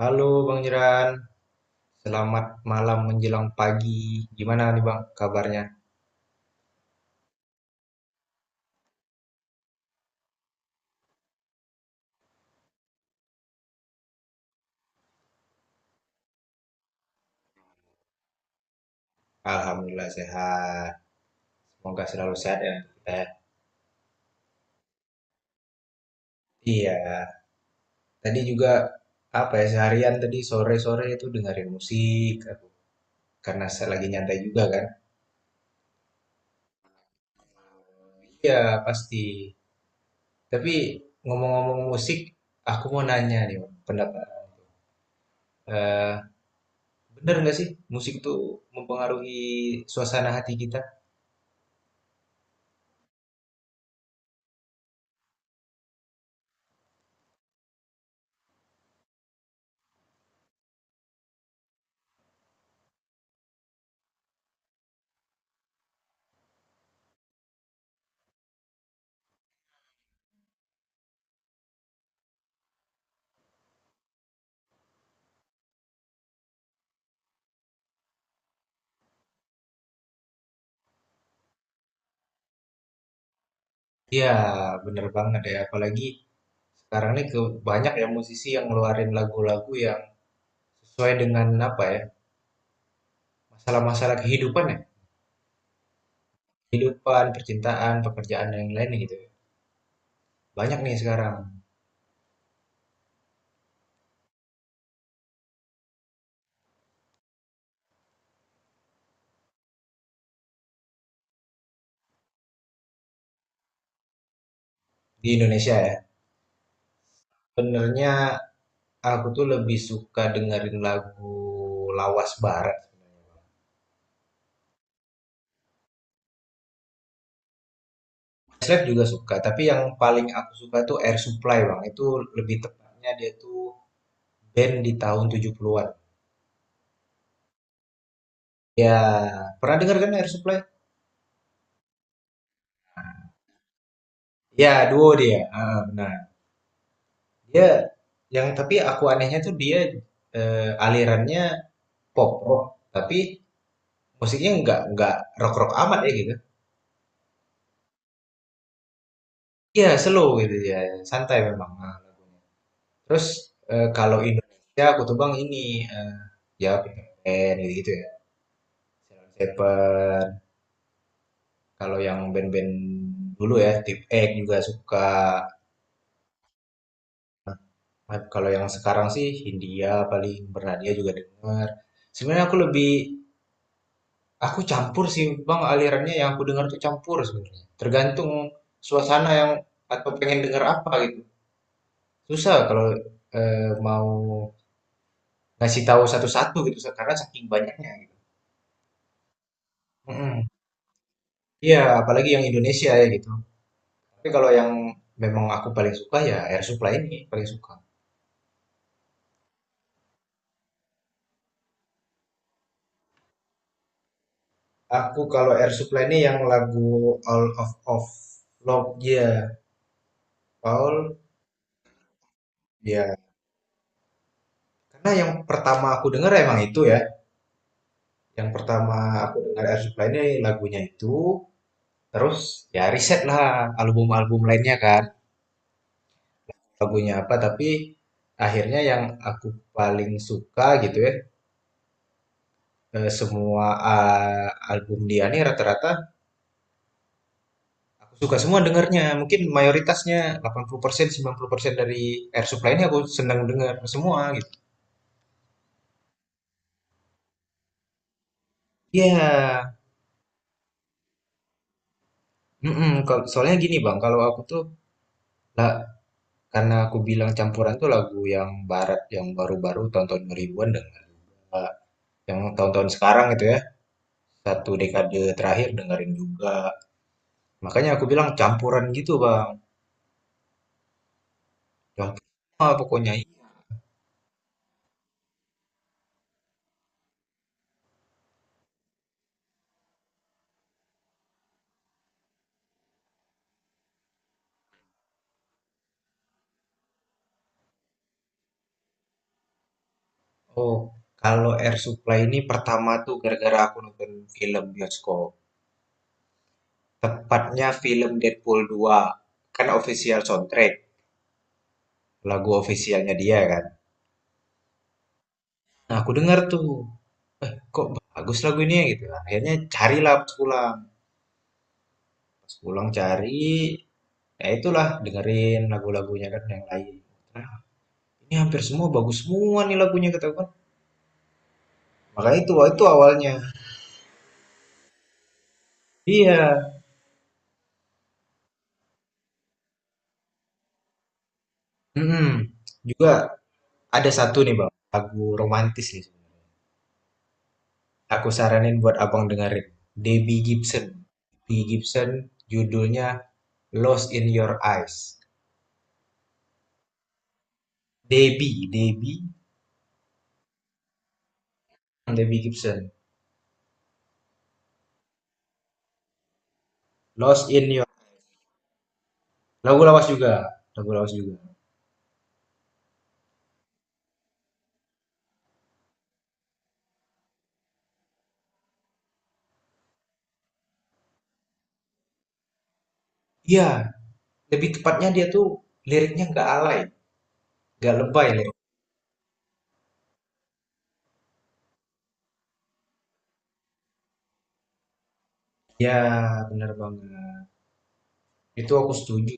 Halo Bang Jeran, selamat malam menjelang pagi. Gimana nih Bang kabarnya? Alhamdulillah sehat. Semoga selalu sehat ya untuk kita ya. Iya, tadi juga apa ya seharian tadi sore-sore itu dengerin musik aku, karena saya lagi nyantai juga kan. Iya pasti. Tapi ngomong-ngomong musik, aku mau nanya nih Bang, pendapat. Eh, Bener nggak sih musik tuh mempengaruhi suasana hati kita? Iya, bener banget ya. Apalagi sekarang ini ke banyak ya musisi yang ngeluarin lagu-lagu yang sesuai dengan apa ya, masalah-masalah kehidupan ya. Kehidupan, percintaan, pekerjaan, dan yang lain gitu. Ya. Banyak nih sekarang di Indonesia ya. Sebenarnya aku tuh lebih suka dengerin lagu lawas barat. Slap juga suka, tapi yang paling aku suka tuh Air Supply bang. Itu lebih tepatnya dia tuh band di tahun 70-an. Ya, pernah denger kan Air Supply? Ya, duo dia. Ah, benar. Dia yang tapi aku anehnya tuh dia alirannya pop rock tapi musiknya nggak rock rock amat ya gitu. Iya slow gitu ya santai memang nah, lagunya. Terus kalau Indonesia aku tuh bang ini eh, ya band gitu, gitu ya. Sheila Shepherd. Kalau yang band-band dulu ya Tip X juga suka. Nah, kalau yang sekarang sih Hindia paling Bernadia juga denger. Sebenarnya aku lebih aku campur sih Bang alirannya yang aku dengar tuh campur sebenarnya. Tergantung suasana yang atau pengen denger apa gitu. Susah kalau mau ngasih tahu satu-satu gitu karena saking banyaknya gitu. Mm-mm. Iya, apalagi yang Indonesia ya gitu. Tapi kalau yang memang aku paling suka ya Air Supply ini paling suka. Aku kalau Air Supply ini yang lagu All of Of Love ya, Paul ya. Karena yang pertama aku denger emang itu ya. Yang pertama aku dengar Air Supply ini lagunya itu, terus ya riset lah album-album lainnya kan, lagunya apa, tapi akhirnya yang aku paling suka gitu ya, semua ah, album dia nih rata-rata aku suka semua dengarnya, mungkin mayoritasnya 80% 90% dari Air Supply ini aku senang dengar semua gitu. Iya, mm-mm, kalau- soalnya gini Bang, kalau aku tuh lah, karena aku bilang campuran tuh lagu yang barat yang baru-baru tahun-tahun 2000-an dengar. Yang tahun-tahun sekarang gitu ya satu dekade terakhir dengerin juga makanya aku bilang campuran gitu bang campur semua pokoknya. Oh kalau Air Supply ini pertama tuh gara-gara aku nonton film bioskop tepatnya film Deadpool 2 kan official soundtrack lagu officialnya dia kan. Nah aku denger tuh kok bagus lagu ini ya gitu akhirnya carilah pas pulang. Pas pulang cari ya itulah dengerin lagu-lagunya kan yang lain ini hampir semua bagus semua nih lagunya katakan, gue maka itu wah, itu awalnya. Iya. Mm-mm. Juga ada satu nih bang lagu romantis nih aku saranin buat abang dengerin Debbie Gibson. Debbie Gibson judulnya Lost in Your Eyes. Debbie Debbie Debbie Gibson Lost in Your lagu lawas juga lagu lawas juga. Iya lebih tepatnya dia tuh liriknya nggak alay nggak lebay lirik ya benar banget itu aku setuju.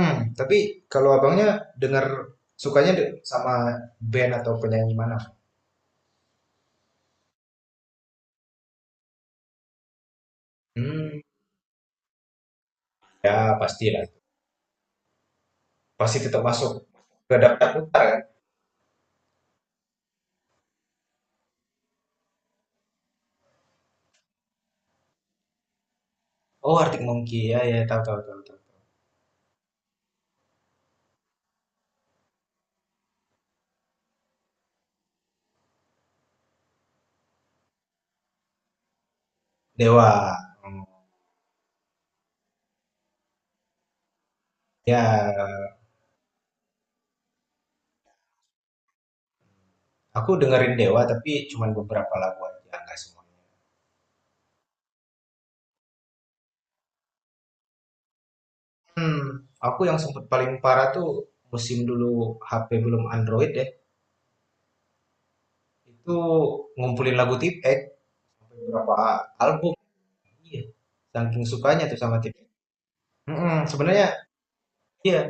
Hmm, tapi kalau abangnya dengar sukanya sama band atau penyanyi mana? Hmm, ya pastilah. Pasti tetap masuk ke daftar putar kan? Oh, Arctic Monkey. Ya, ya, tahu, tahu, tahu, tahu. Dewa. Hmm, ya, aku dengerin Dewa tapi cuman beberapa lagu aja, nggak semuanya. Hmm, aku yang sempat paling parah tuh musim dulu HP belum Android ya. Itu ngumpulin lagu Tip X sampai berapa album. Iya, saking sukanya tuh sama Tip X. Mm-mm, sebenarnya iya,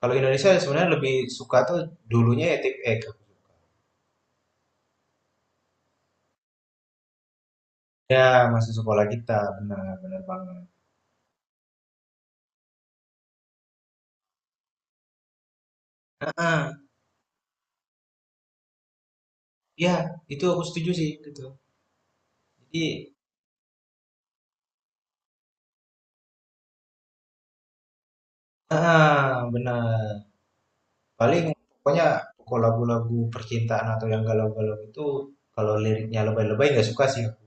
kalau Indonesia sebenarnya lebih suka tuh dulunya ya tip ya masih sekolah kita benar benar banget. Ah, ya itu aku setuju sih gitu. Jadi ah benar. Paling pokoknya pokok lagu-lagu percintaan atau yang galau-galau itu kalau liriknya lebay-lebay nggak suka sih aku.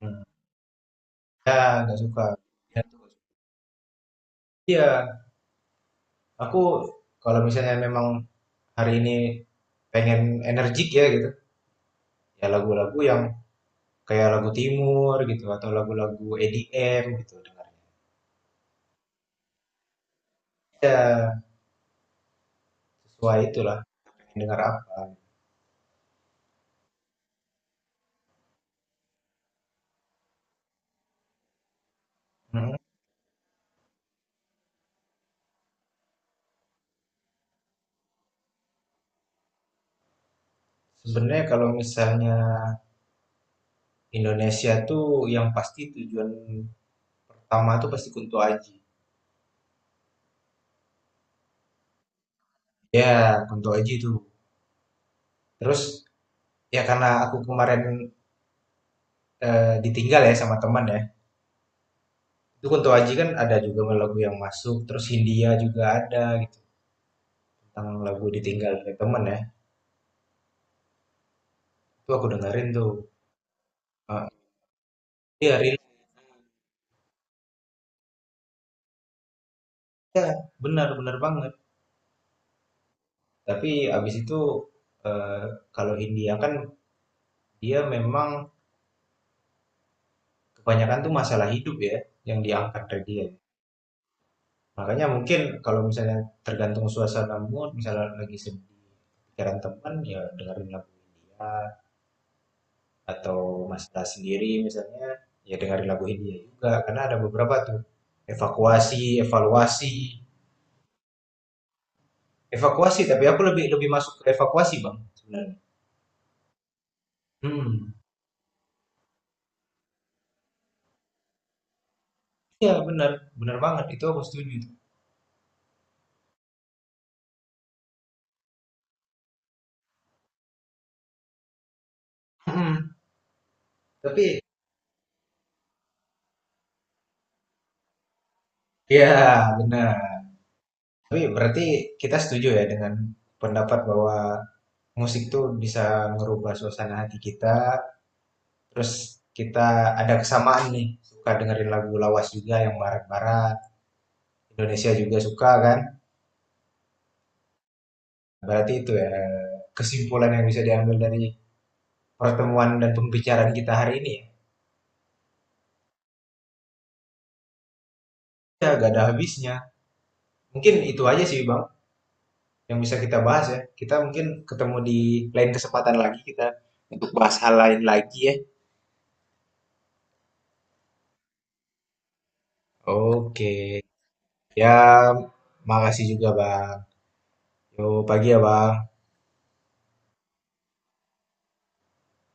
Hmm. Ya nggak suka. Ya, tuh, nggak suka. Iya, aku kalau misalnya memang hari ini pengen energik ya gitu, ya lagu-lagu yang kayak lagu timur gitu atau lagu-lagu EDM gitu dengar. Ya, sesuai itulah pengen dengar apa. Mhm. Sebenarnya kalau misalnya Indonesia tuh yang pasti tujuan pertama tuh pasti Kunto Aji. Ya, Kunto Aji tuh. Terus ya karena aku kemarin ditinggal ya sama teman ya. Itu Kunto Aji kan ada juga lagu yang masuk, terus Hindia juga ada gitu. Tentang lagu ditinggal dari teman ya. Itu aku dengerin tuh. Eh, Iya, relate. Ya, benar benar banget. Tapi abis itu eh, kalau India kan dia memang kebanyakan tuh masalah hidup ya yang diangkat dari dia. Makanya mungkin kalau misalnya tergantung suasana mood, misalnya lagi sedih pikiran teman ya dengerin lagu India atau masalah sendiri misalnya ya dengerin lagu India juga karena ada beberapa tuh evakuasi, evaluasi, evakuasi tapi aku lebih lebih masuk ke evakuasi bang sebenarnya. Hmm, iya benar benar banget itu aku setuju. Hmm. Tapi iya, benar. Tapi berarti kita setuju ya dengan pendapat bahwa musik tuh bisa ngerubah suasana hati kita. Terus kita ada kesamaan nih, suka dengerin lagu lawas juga yang barat-barat. Indonesia juga suka kan? Berarti itu ya kesimpulan yang bisa diambil dari pertemuan dan pembicaraan kita hari ini ya. Ya, gak ada habisnya. Mungkin itu aja sih, Bang, yang bisa kita bahas ya. Kita mungkin ketemu di lain kesempatan lagi kita untuk bahas hal lain lagi ya. Oke. Ya, makasih juga Bang. Yo, pagi ya Bang.